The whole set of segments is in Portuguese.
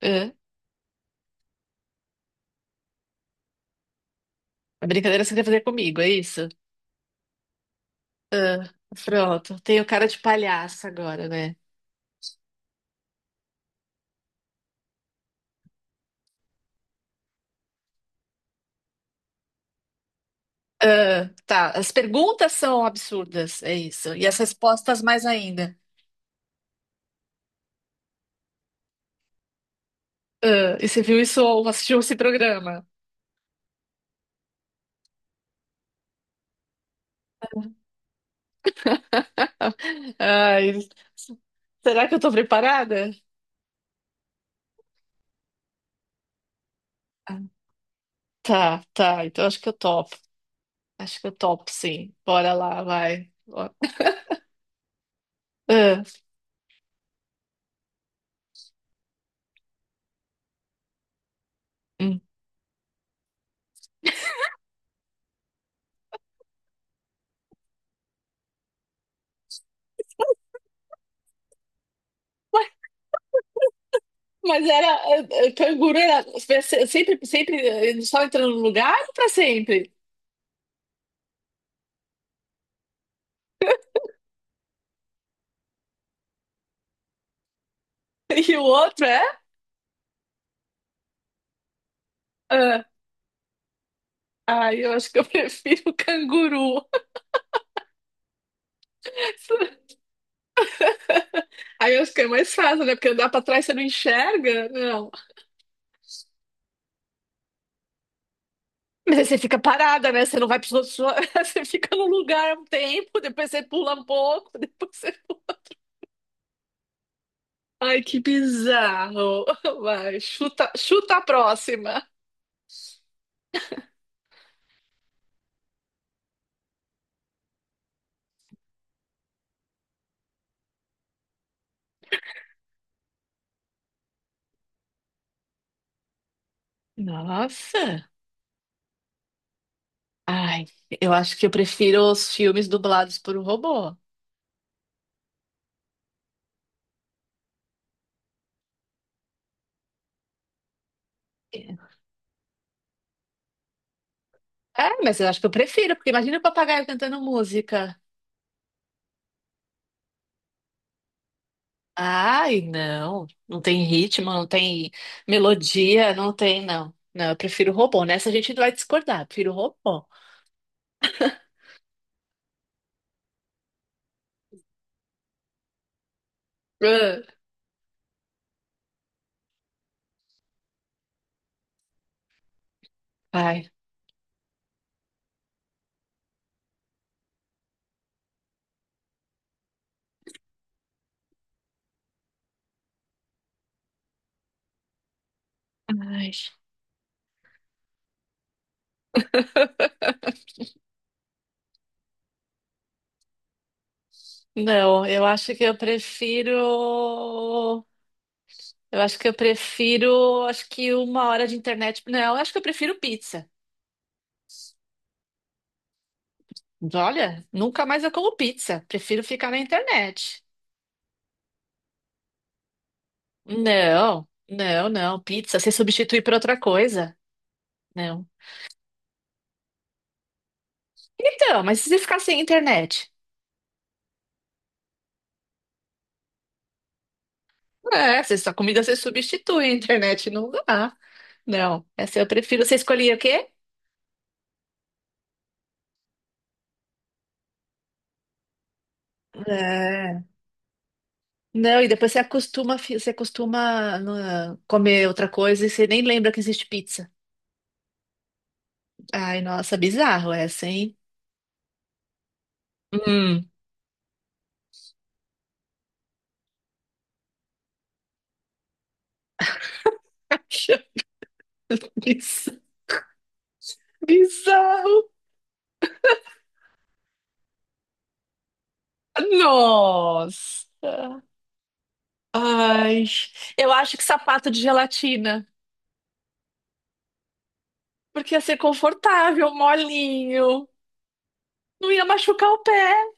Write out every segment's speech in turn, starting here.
Hã? A brincadeira você quer fazer comigo, é isso? Pronto, tenho cara de palhaça agora, né? Ah, tá, as perguntas são absurdas, é isso. E as respostas mais ainda. Ah, e você viu isso ou assistiu esse programa? Ai, será que eu tô preparada? Ah, tá, tá, então acho que eu topo. Acho que eu topo, sim. Bora lá, vai. Ó. Ah, hum. Ué, mas era. Canguru era. Sempre, sempre só entrando no lugar ou pra sempre? E o outro é? Ah, aí eu acho que eu prefiro o canguru. Aí eu acho que é mais fácil, né? Porque andar pra trás você não enxerga. Não. Mas aí você fica parada, né? Você não vai pros outros. Você fica no lugar um tempo, depois você pula um pouco, depois você. Ai, que bizarro. Vai, chuta, chuta a próxima. Nossa. Ai, eu acho que eu prefiro os filmes dublados por um robô. É, mas eu acho que eu prefiro, porque imagina o papagaio cantando música. Ai, não. Não tem ritmo, não tem melodia, não tem, não. Não, eu prefiro robô. Nessa a gente vai discordar. Prefiro robô. Ah, ai. Ai. Não, eu acho que eu prefiro. Eu acho que eu prefiro. Acho que uma hora de internet. Não, eu acho que eu prefiro pizza. Olha, nunca mais eu como pizza. Prefiro ficar na internet. Não, não, não. Pizza, se substituir por outra coisa. Não. Então, mas e se ficar sem internet? É, se sua comida você substitui, a internet não dá. Não, essa eu prefiro. Você escolhia o quê? É. Não, e depois você acostuma, você acostuma, né, comer outra coisa e você nem lembra que existe pizza. Ai, nossa, bizarro essa, hein? Hum. Biz- Bizarro. Nossa. Ai, eu acho que sapato de gelatina. Porque ia ser confortável, molinho. Não ia machucar o pé.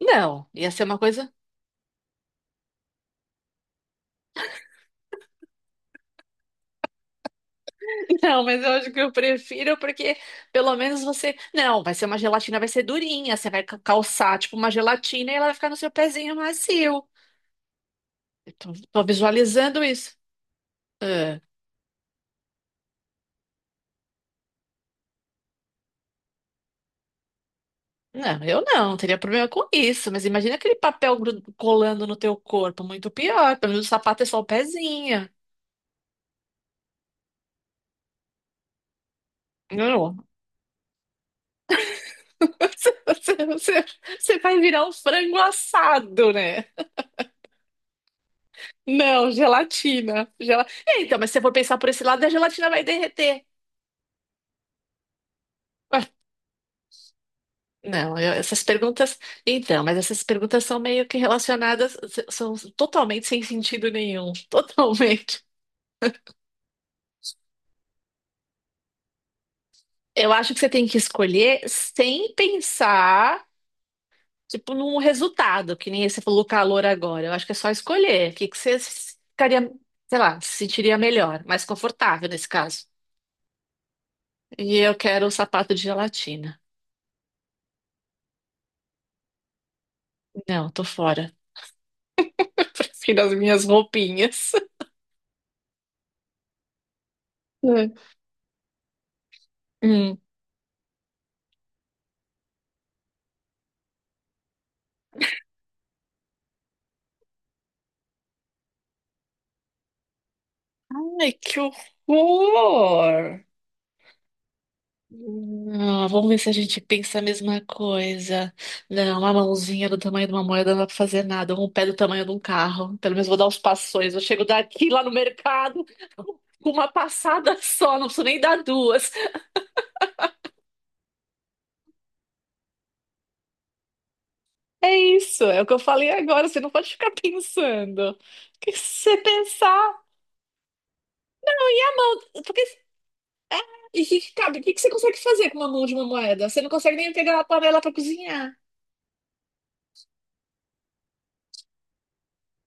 Não, ia ser uma coisa. Não, mas eu acho que eu prefiro porque pelo menos você. Não, vai ser uma gelatina, vai ser durinha. Você vai calçar tipo uma gelatina e ela vai ficar no seu pezinho macio. Eu tô visualizando isso. Ah, não, eu não teria problema com isso. Mas imagina aquele papel colando no teu corpo, muito pior. Pelo menos o sapato é só o pezinho. Não. Você, você, você você vai virar um frango assado, né? Não, gelatina. É, então, mas se você for pensar por esse lado, a gelatina vai derreter. Não, essas perguntas. Então, mas essas perguntas são meio que relacionadas, são totalmente sem sentido nenhum. Totalmente. Eu acho que você tem que escolher sem pensar, tipo, num resultado, que nem você falou calor agora. Eu acho que é só escolher. O que que você ficaria, sei lá, se sentiria melhor, mais confortável nesse caso. E eu quero um sapato de gelatina. Não, tô fora. Prefiro as minhas roupinhas. É. Hum. Ai, que horror! Não, vamos ver se a gente pensa a mesma coisa. Não, uma mãozinha do tamanho de uma moeda não dá pra fazer nada. Um pé do tamanho de um carro. Pelo menos vou dar uns passões. Eu chego daqui lá no mercado com uma passada só, não preciso nem dar duas. É isso, é o que eu falei agora. Você não pode ficar pensando. O que você pensar? Porque, e que cabe, o que que você consegue fazer com uma mão de uma moeda? Você não consegue nem pegar uma panela pra cozinhar,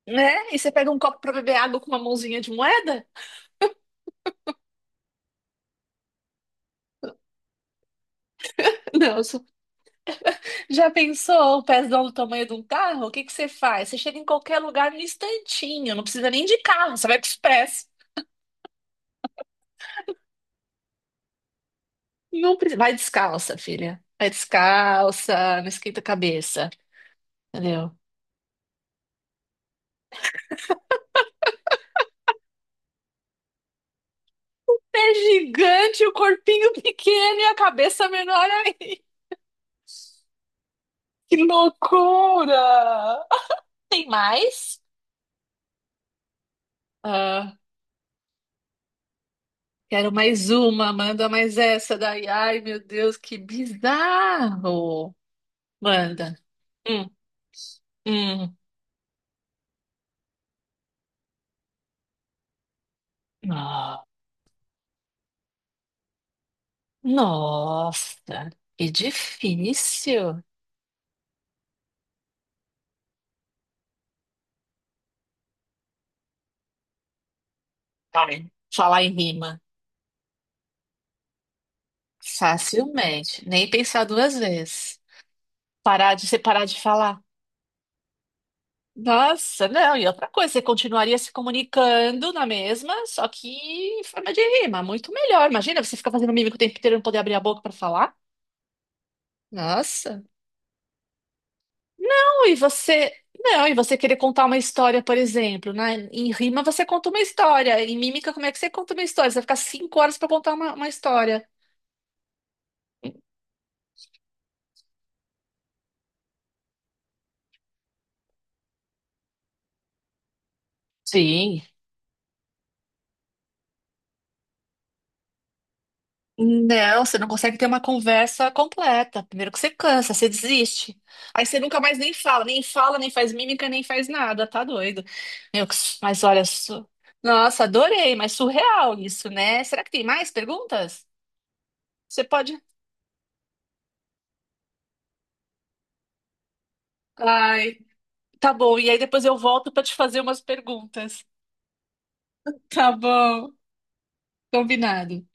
né? E você pega um copo pra beber água com uma mãozinha de moeda? Não, já pensou o pezão do tamanho de um carro? O que que você faz? Você chega em qualquer lugar no instantinho, não precisa nem de carro, você vai com o Express. Não precisa. Vai descalça, filha. Vai descalça, não esquenta a cabeça, entendeu? É gigante, o corpinho pequeno e a cabeça menor aí. Que loucura! Tem mais? Ah, quero mais uma, manda mais essa daí. Ai, meu Deus, que bizarro! Manda. Hum, hum. Nossa, que difícil. Ai, falar em rima. Facilmente. Nem pensar duas vezes. Parar de separar de falar. Nossa, não. E outra coisa, você continuaria se comunicando na mesma, só que em forma de rima. Muito melhor. Imagina, você ficar fazendo mímica o tempo inteiro e não poder abrir a boca para falar. Nossa. Não, e você. Não, e você querer contar uma história, por exemplo, né? Em rima você conta uma história, em mímica, como é que você conta uma história? Você vai ficar 5 horas para contar uma história. Sim. Não, você não consegue ter uma conversa completa. Primeiro que você cansa, você desiste. Aí você nunca mais nem fala, nem faz mímica, nem faz nada, tá doido. Meu, que mas olha, nossa, adorei, mas surreal isso, né? Será que tem mais perguntas? Você pode. Ai, tá bom. E aí depois eu volto pra te fazer umas perguntas. Tá bom, combinado.